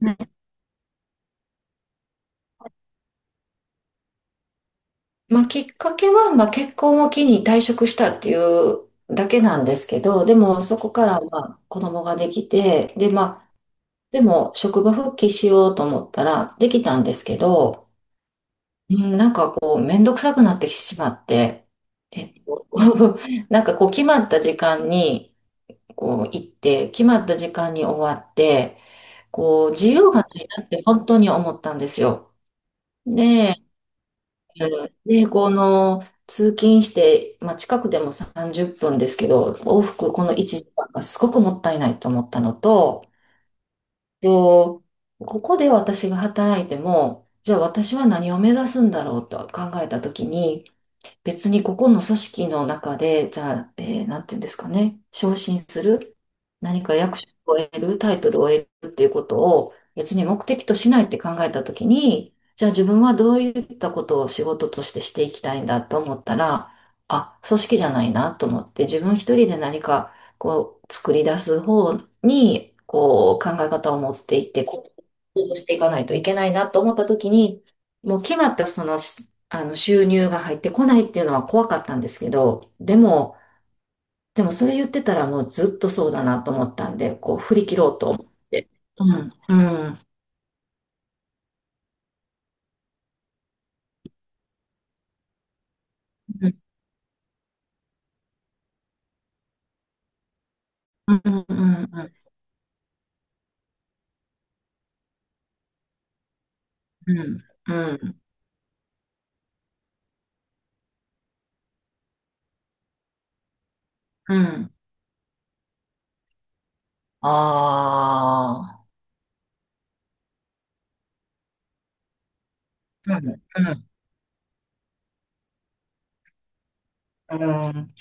はい。まあ、きっかけは、まあ、結婚を機に退職したっていうだけなんですけど、でもそこからまあ子供ができて、で、まあ、でも職場復帰しようと思ったらできたんですけど、うん、なんかこう、めんどくさくなってしまって、えっと、なんかこう、決まった時間にこう行って、決まった時間に終わって、こう、自由がないなって本当に思ったんですよ。で、で、この通勤して、まあ、近くでも30分ですけど、往復この1時間がすごくもったいないと思ったのと、と、ここで私が働いても、じゃあ私は何を目指すんだろうと考えたときに、別にここの組織の中で、じゃあ、なんていうんですかね、昇進する、何か役職を得る、タイトルを得るっていうことを別に目的としないって考えたときに、じゃあ自分はどういったことを仕事としてしていきたいんだと思ったら、あ、組織じゃないなと思って、自分一人で何かこう作り出す方に、こう考え方を持っていって、行動していかないといけないなと思った時に、もう決まったその、あの収入が入ってこないっていうのは怖かったんですけど、でも、でもそれ言ってたらもうずっとそうだなと思ったんで、こう振り切ろうと思って。うん、うん、うん、うん、うん、うん、うん、うん。うん。ああー、うん、うん、うん。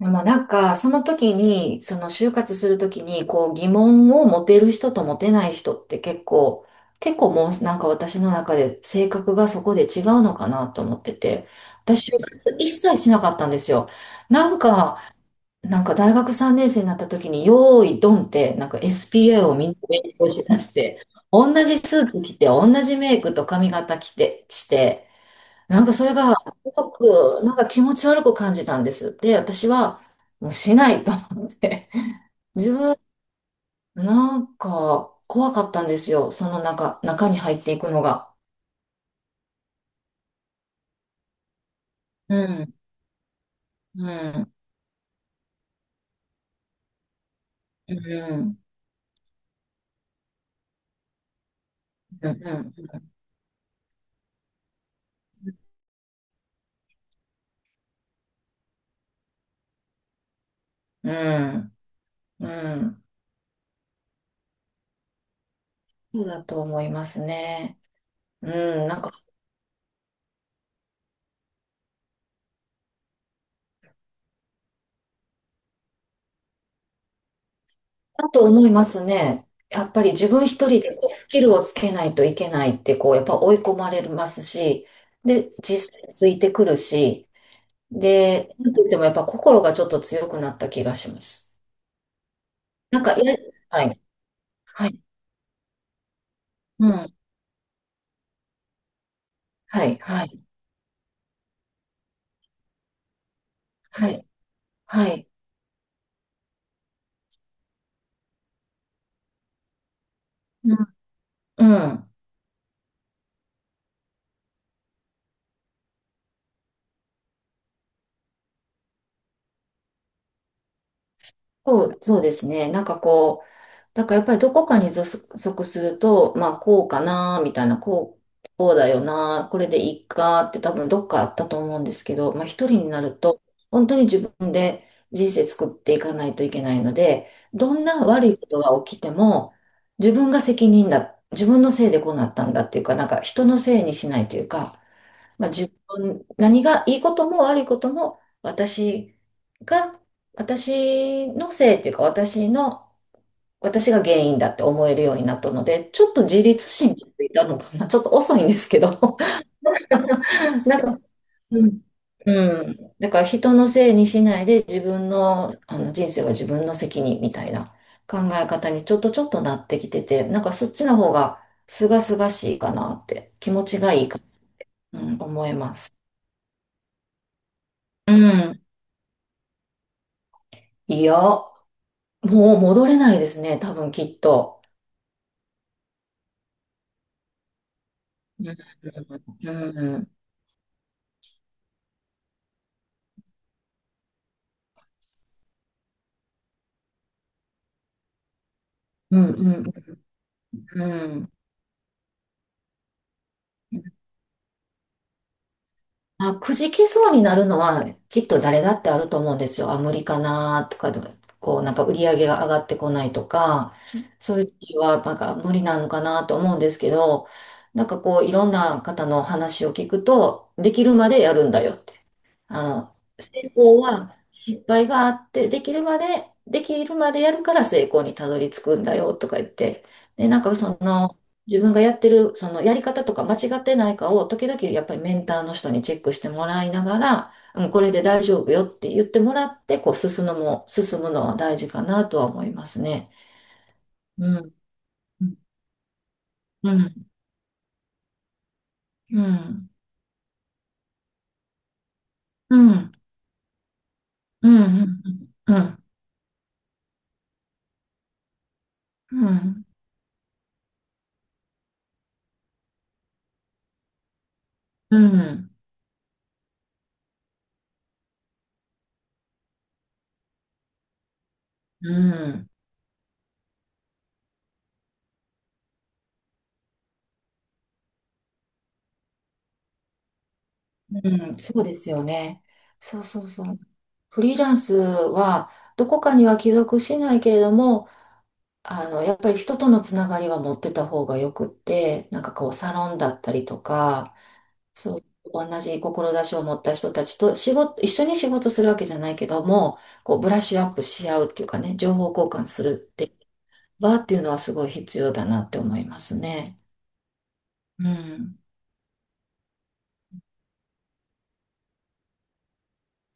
でもなんか、その時に、その就活する時に、こう疑問を持てる人と持てない人って結構、結構もうなんか私の中で性格がそこで違うのかなと思ってて、私就活一切しなかったんですよ。なんか、なんか大学3年生になった時に、よーいドンって、なんか SPA をみんな勉強しだして、同じスーツ着て、同じメイクと髪型着て、して、なんかそれが、すごく、なんか気持ち悪く感じたんです。で、私は、もうしないと思って。自分、なんか、怖かったんですよ。その中に入っていくのが。うん、うん、うん、うん、うん、うん。そうだと思いますね。うん、なんか、だと思いますね。やっぱり自分一人でこうスキルをつけないといけないって、こう、やっぱ追い込まれますし、で、実際ついてくるし、で、なんといってもやっぱ心がちょっと強くなった気がします。なんか、いや、はい、はい、うん、はい、はい、はい、はい、うん、うん。そう、そうですね。なんかこう、だからやっぱりどこかに属すると、まあこうかな、みたいな、こう、こうだよな、これでいいかって多分どっかあったと思うんですけど、まあ一人になると、本当に自分で人生作っていかないといけないので、どんな悪いことが起きても、自分が責任だ、自分のせいでこうなったんだっていうか、なんか人のせいにしないというか、まあ自分、何がいいことも悪いことも、私が、私のせいっていうか、私が原因だって思えるようになったので、ちょっと自律神経ついたのかな。ちょっと遅いんですけど。なんか、うん。うん。だから人のせいにしないで自分の、あの人生は自分の責任みたいな考え方にちょっとちょっとなってきてて、なんかそっちの方が清々しいかなって気持ちがいいかな、うん、思います。うん。いや、もう戻れないですね。多分きっと。うん。うん。うん。うん。うん。うん。あ、くじけそうになるのはきっと誰だってあると思うんですよ。あ、無理かなとかでも、こうなんか売り上げが上がってこないとか、そういう時はなんか無理なのかなと思うんですけど、なんかこういろんな方の話を聞くと、できるまでやるんだよって。あ、成功は失敗があって、できるまで、できるまでやるから成功にたどり着くんだよとか言って、で、なんかその、自分がやってる、そのやり方とか間違ってないかを、時々やっぱりメンターの人にチェックしてもらいながら、うん、これで大丈夫よって言ってもらって、進むのは大事かなとは思いますね。うん、うん、うん、うん、うん、うん、うん、うん、うん、うん。うん。うん、そうですよね。そうそうそう。フリーランスはどこかには帰属しないけれども、あの、やっぱり人とのつながりは持ってた方がよくって、なんかこうサロンだったりとか、そういう同じ志を持った人たちと仕事、一緒に仕事するわけじゃないけども、こうブラッシュアップし合うっていうかね、情報交換するって場っていうのはすごい必要だなって思いますね。うん。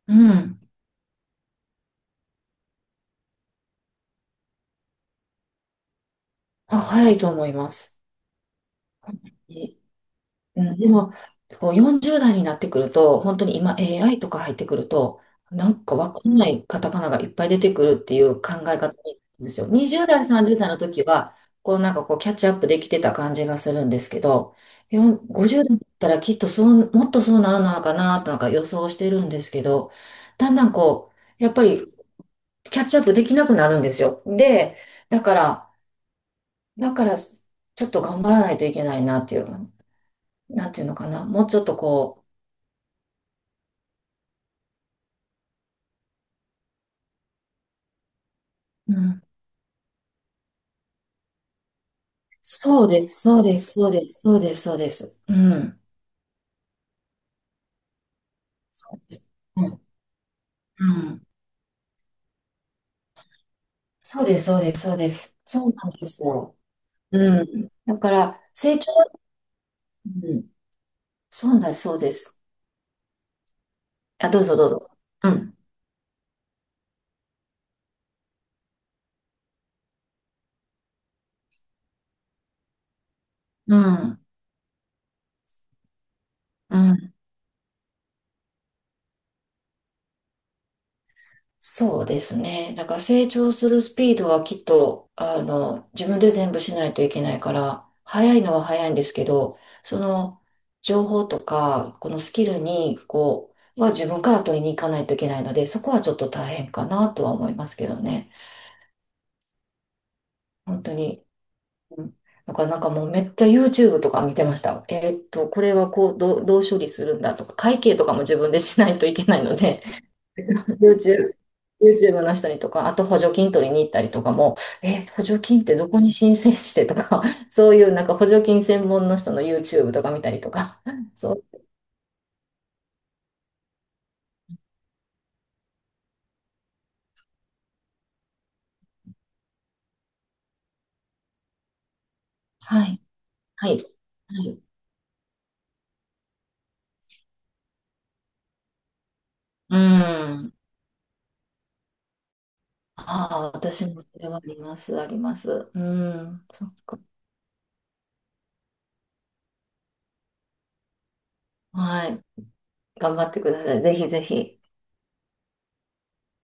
うん。あ、早いと思います。うん、でも、こう40代になってくると、本当に今 AI とか入ってくると、なんかわかんないカタカナがいっぱい出てくるっていう考え方なんですよ。20代、30代の時は、こうなんかこうキャッチアップできてた感じがするんですけど、50代だったらきっとそう、もっとそうなるのかなとなんか予想してるんですけど、だんだんこう、やっぱりキャッチアップできなくなるんですよ。で、だから、だから、ちょっと頑張らないといけないなっていう、なんていうのかな、もうちょっとこう、うん。そうです、そうです、そうです、そうです、そうです。うん。そうです。うん。うん。そうです、そうです、そうです。そうなんですよ。うん。だから、成長、うん。そうだ、そうです。あ、どうぞ、どうぞ。うん。うん。うん。そうですね。だから成長するスピードはきっと、あの、自分で全部しないといけないから、早いのは早いんですけど、その情報とか、このスキルに、こう、は自分から取りに行かないといけないので、そこはちょっと大変かなとは思いますけどね。本当に。うん。だからなんかもうめっちゃ YouTube とか見てました。これはこう、どう処理するんだとか、会計とかも自分でしないといけないので、YouTube、YouTube の人にとか、あと補助金取りに行ったりとかも、え、補助金ってどこに申請してとか、そういうなんか補助金専門の人の YouTube とか見たりとか、そう。はい。はい。はい。うん。ああ、私もそれはあります、あります。うん。そっか。はい。頑張ってください。ぜひぜひ。